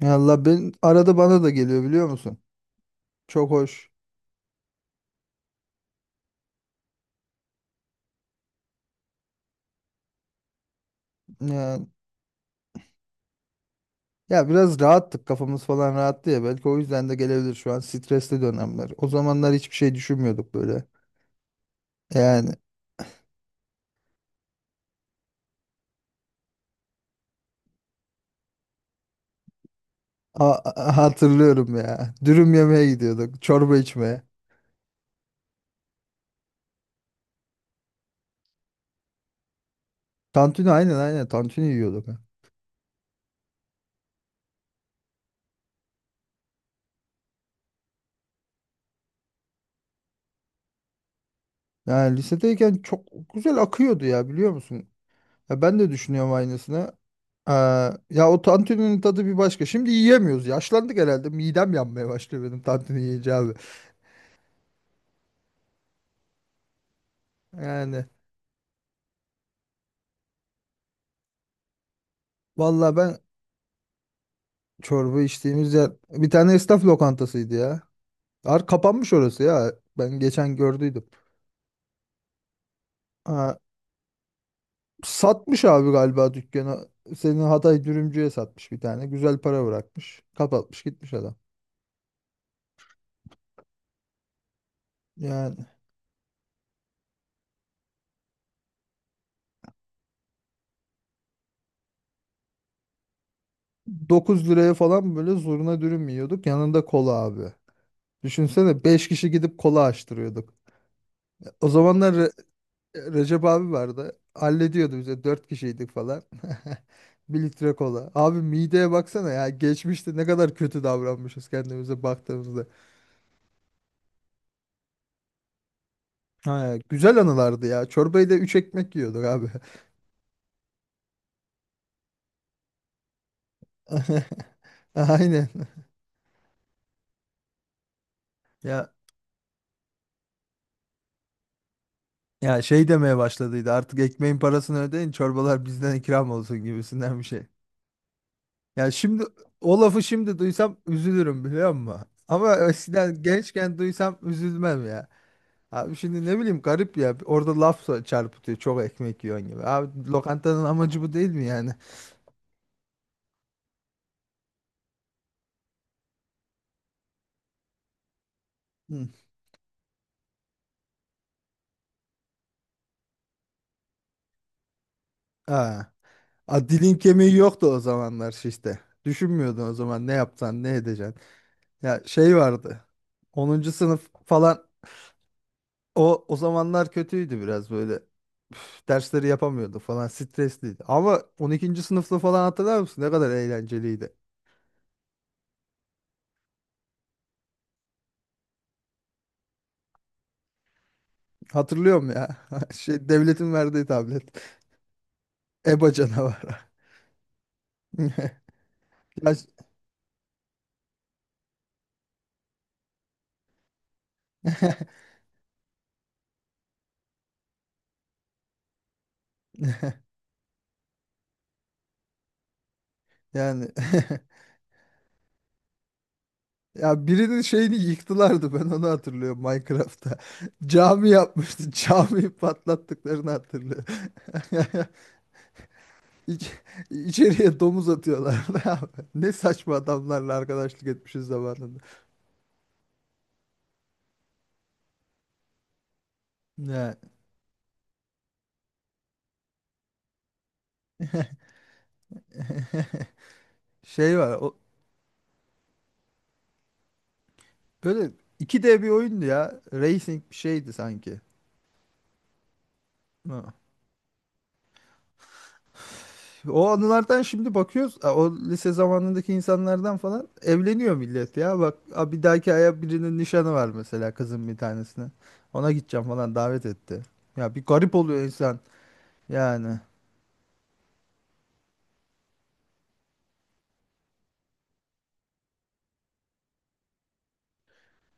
Ya Allah ben arada bana da geliyor biliyor musun? Çok hoş. Yani ya biraz rahattık kafamız falan rahattı ya belki o yüzden de gelebilir şu an stresli dönemler. O zamanlar hiçbir şey düşünmüyorduk böyle. Yani hatırlıyorum ya. Dürüm yemeye gidiyorduk, çorba içmeye. Tantuni aynen aynen tantuni yiyorduk. Ha. Yani lisedeyken çok güzel akıyordu ya biliyor musun? Ya ben de düşünüyorum aynısını. Ee, ya o tantuninin tadı bir başka. Şimdi yiyemiyoruz. Yaşlandık herhalde. Midem yanmaya başlıyor benim tantuni yiyince abi. Yani valla ben çorba içtiğimiz yer bir tane esnaf lokantasıydı ya. Kapanmış orası ya. Ben geçen gördüydüm. Ha, satmış abi galiba dükkanı. Senin Hatay dürümcüye satmış bir tane. Güzel para bırakmış. Kapatmış gitmiş adam. Yani 9 liraya falan böyle zurna dürüm yiyorduk. Yanında kola abi. Düşünsene 5 kişi gidip kola açtırıyorduk. O zamanlar Recep abi vardı. Hallediyordu bize. Dört kişiydik falan. Bir litre kola. Abi mideye baksana ya. Geçmişte ne kadar kötü davranmışız kendimize baktığımızda. Ha, güzel anılardı ya. Çorbayı da üç ekmek yiyorduk abi. Aynen. Ya ya şey demeye başladıydı. Artık ekmeğin parasını ödeyin, çorbalar bizden ikram olsun gibisinden bir şey. Ya şimdi o lafı şimdi duysam üzülürüm biliyor musun? Ama eskiden gençken duysam üzülmem ya. Abi şimdi ne bileyim garip ya. Orada laf çarpıtıyor. Çok ekmek yiyorsun gibi. Abi lokantanın amacı bu değil mi yani? Hı. Ha. A, dilin kemiği yoktu o zamanlar işte. Düşünmüyordun o zaman ne yapsan ne edeceksin. Ya şey vardı. 10. sınıf falan o zamanlar kötüydü biraz böyle. Üf, dersleri yapamıyordu falan stresliydi. Ama 12. sınıfta falan hatırlar mısın? Ne kadar eğlenceliydi. Hatırlıyorum ya. Şey devletin verdiği tablet. EBA canavarı. Ya Yani ya birinin şeyini yıktılardı ben onu hatırlıyorum Minecraft'ta. Cami yapmıştı. Camiyi patlattıklarını hatırlıyorum. İç, içeriye domuz atıyorlardı abi. Ne saçma adamlarla arkadaşlık etmişiz zamanında. Ne şey var o böyle iki d bir oyundu ya. Racing bir şeydi sanki. Ha. O anılardan şimdi bakıyoruz. A, o lise zamanındaki insanlardan falan evleniyor millet ya. Bak a, bir dahaki aya birinin nişanı var mesela kızın bir tanesine. Ona gideceğim falan davet etti. Ya bir garip oluyor insan. Yani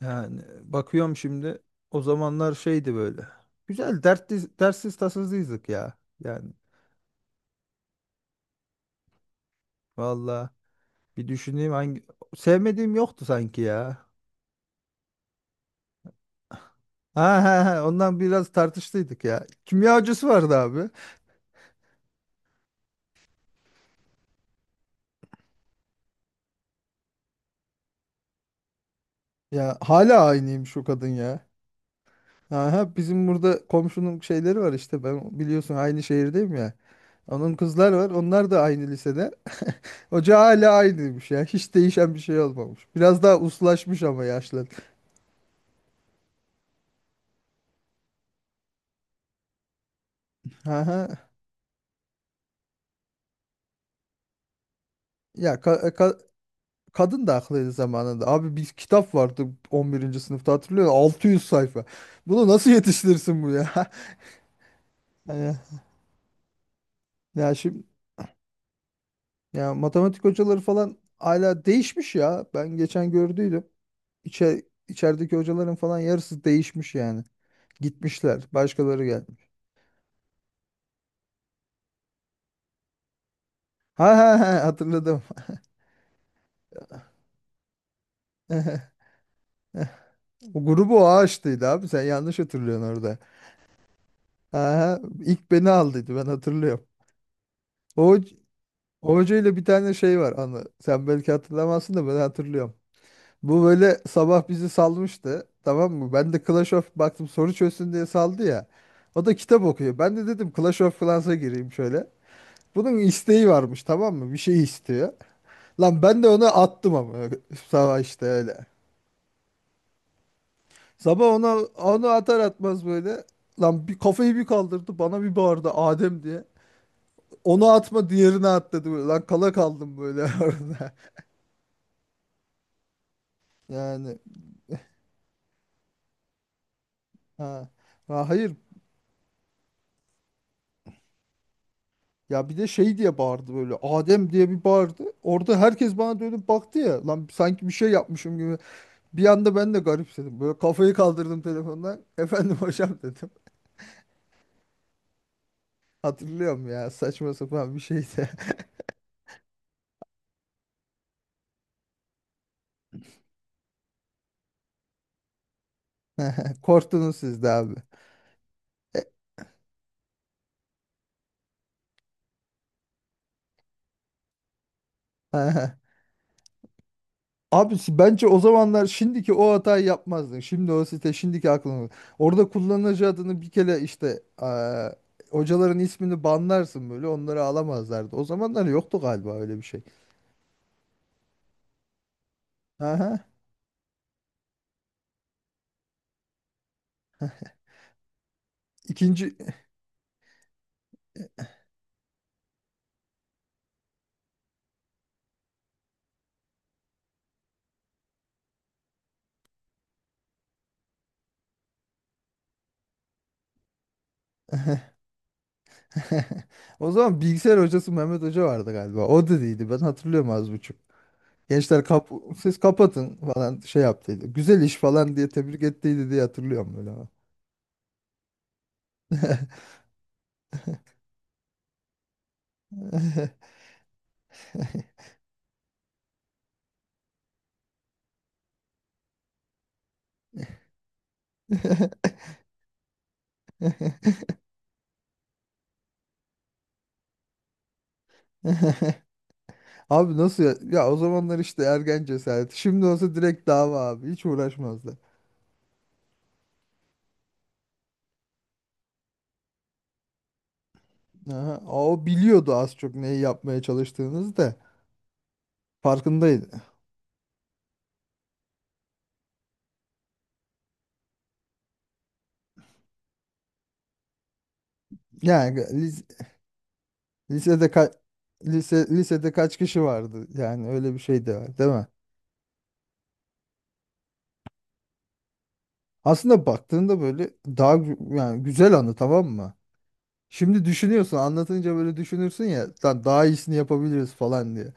yani bakıyorum şimdi o zamanlar şeydi böyle. Güzel dertli, dertsiz tasasızdık ya. Yani valla bir düşüneyim hangi sevmediğim yoktu sanki ya. Ha ha ha ondan biraz tartıştıydık ya. Kimya hocası vardı abi. Ya hala aynıymış o kadın ya. Aha, bizim burada komşunun şeyleri var işte ben biliyorsun aynı şehirdeyim ya. Onun kızlar var onlar da aynı lisede. Hoca hala aynıymış ya hiç değişen bir şey olmamış. Biraz daha uslaşmış ama yaşlı. Aha. Ya ka- ka- kadın da haklıydı zamanında. Abi bir kitap vardı 11. sınıfta hatırlıyor musun? 600 sayfa. Bunu nasıl yetiştirirsin bu ya? Hani, ya şimdi ya matematik hocaları falan hala değişmiş ya. Ben geçen gördüydüm. İçer, içerideki hocaların falan yarısı değişmiş yani. Gitmişler. Başkaları gelmiş. Ha ha ha hatırladım. O grubu o açtıydı abi. Sen yanlış hatırlıyorsun orada. Ha ha ilk beni aldıydı ben hatırlıyorum. O, o hocayla bir tane şey var anı. Sen belki hatırlamazsın da ben hatırlıyorum. Bu böyle sabah bizi salmıştı. Tamam mı? Ben de Clash of baktım soru çözsün diye saldı ya. O da kitap okuyor. Ben de dedim Clash of Clans'a gireyim şöyle. Bunun isteği varmış tamam mı? Bir şey istiyor. Lan ben de ona attım ama sabah işte öyle. Sabah ona onu atar atmaz böyle. Lan bir kafayı bir kaldırdı bana bir bağırdı Adem diye. Onu atma diğerine at dedi böyle. Lan kala kaldım böyle orada. Yani ha. Ha, hayır ya bir de şey diye bağırdı böyle Adem diye bir bağırdı. Orada herkes bana dönüp baktı ya. Lan sanki bir şey yapmışım gibi. Bir anda ben de garipsedim. Böyle kafayı kaldırdım telefondan. Efendim hocam dedim. Hatırlıyorum ya saçma sapan bir şeydi. Korktunuz siz de abi. Abi bence o zamanlar şimdiki o hatayı yapmazdın. Şimdi o site şimdiki aklını. Orada kullanıcı adını bir kere işte hocaların ismini banlarsın böyle onları alamazlardı. O zamanlar yoktu galiba öyle bir şey. Aha. İkinci o zaman bilgisayar hocası Mehmet Hoca vardı galiba. O dediydi ben hatırlıyorum az buçuk. Gençler siz kapatın falan şey yaptıydı. Güzel iş falan diye tebrik ettiydi diye hatırlıyorum böyle. Abi nasıl ya? Ya o zamanlar işte ergen cesareti. Şimdi olsa direkt dava abi. Hiç uğraşmazdı. Aha. O biliyordu az çok neyi yapmaya çalıştığınızı da farkındaydı. Yani lisede kaç lisede kaç kişi vardı? Yani öyle bir şey de var, değil mi? Aslında baktığında böyle daha yani güzel anı tamam mı? Şimdi düşünüyorsun anlatınca böyle düşünürsün ya lan daha iyisini yapabiliriz falan diye.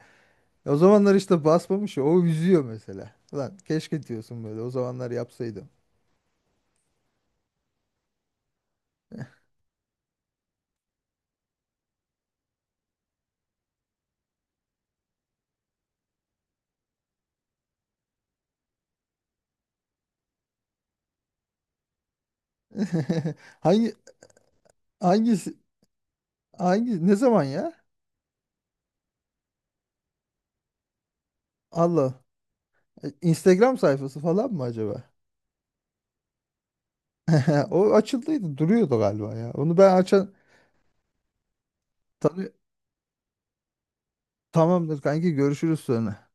E, o zamanlar işte basmamış ya o üzüyor mesela. Lan keşke diyorsun böyle o zamanlar yapsaydım. Hangi hangisi hangi ne zaman ya? Allah. E, Instagram sayfası falan mı acaba? O açıldıydı, duruyordu galiba ya. Onu ben tanı- Tamamdır kanki görüşürüz sonra.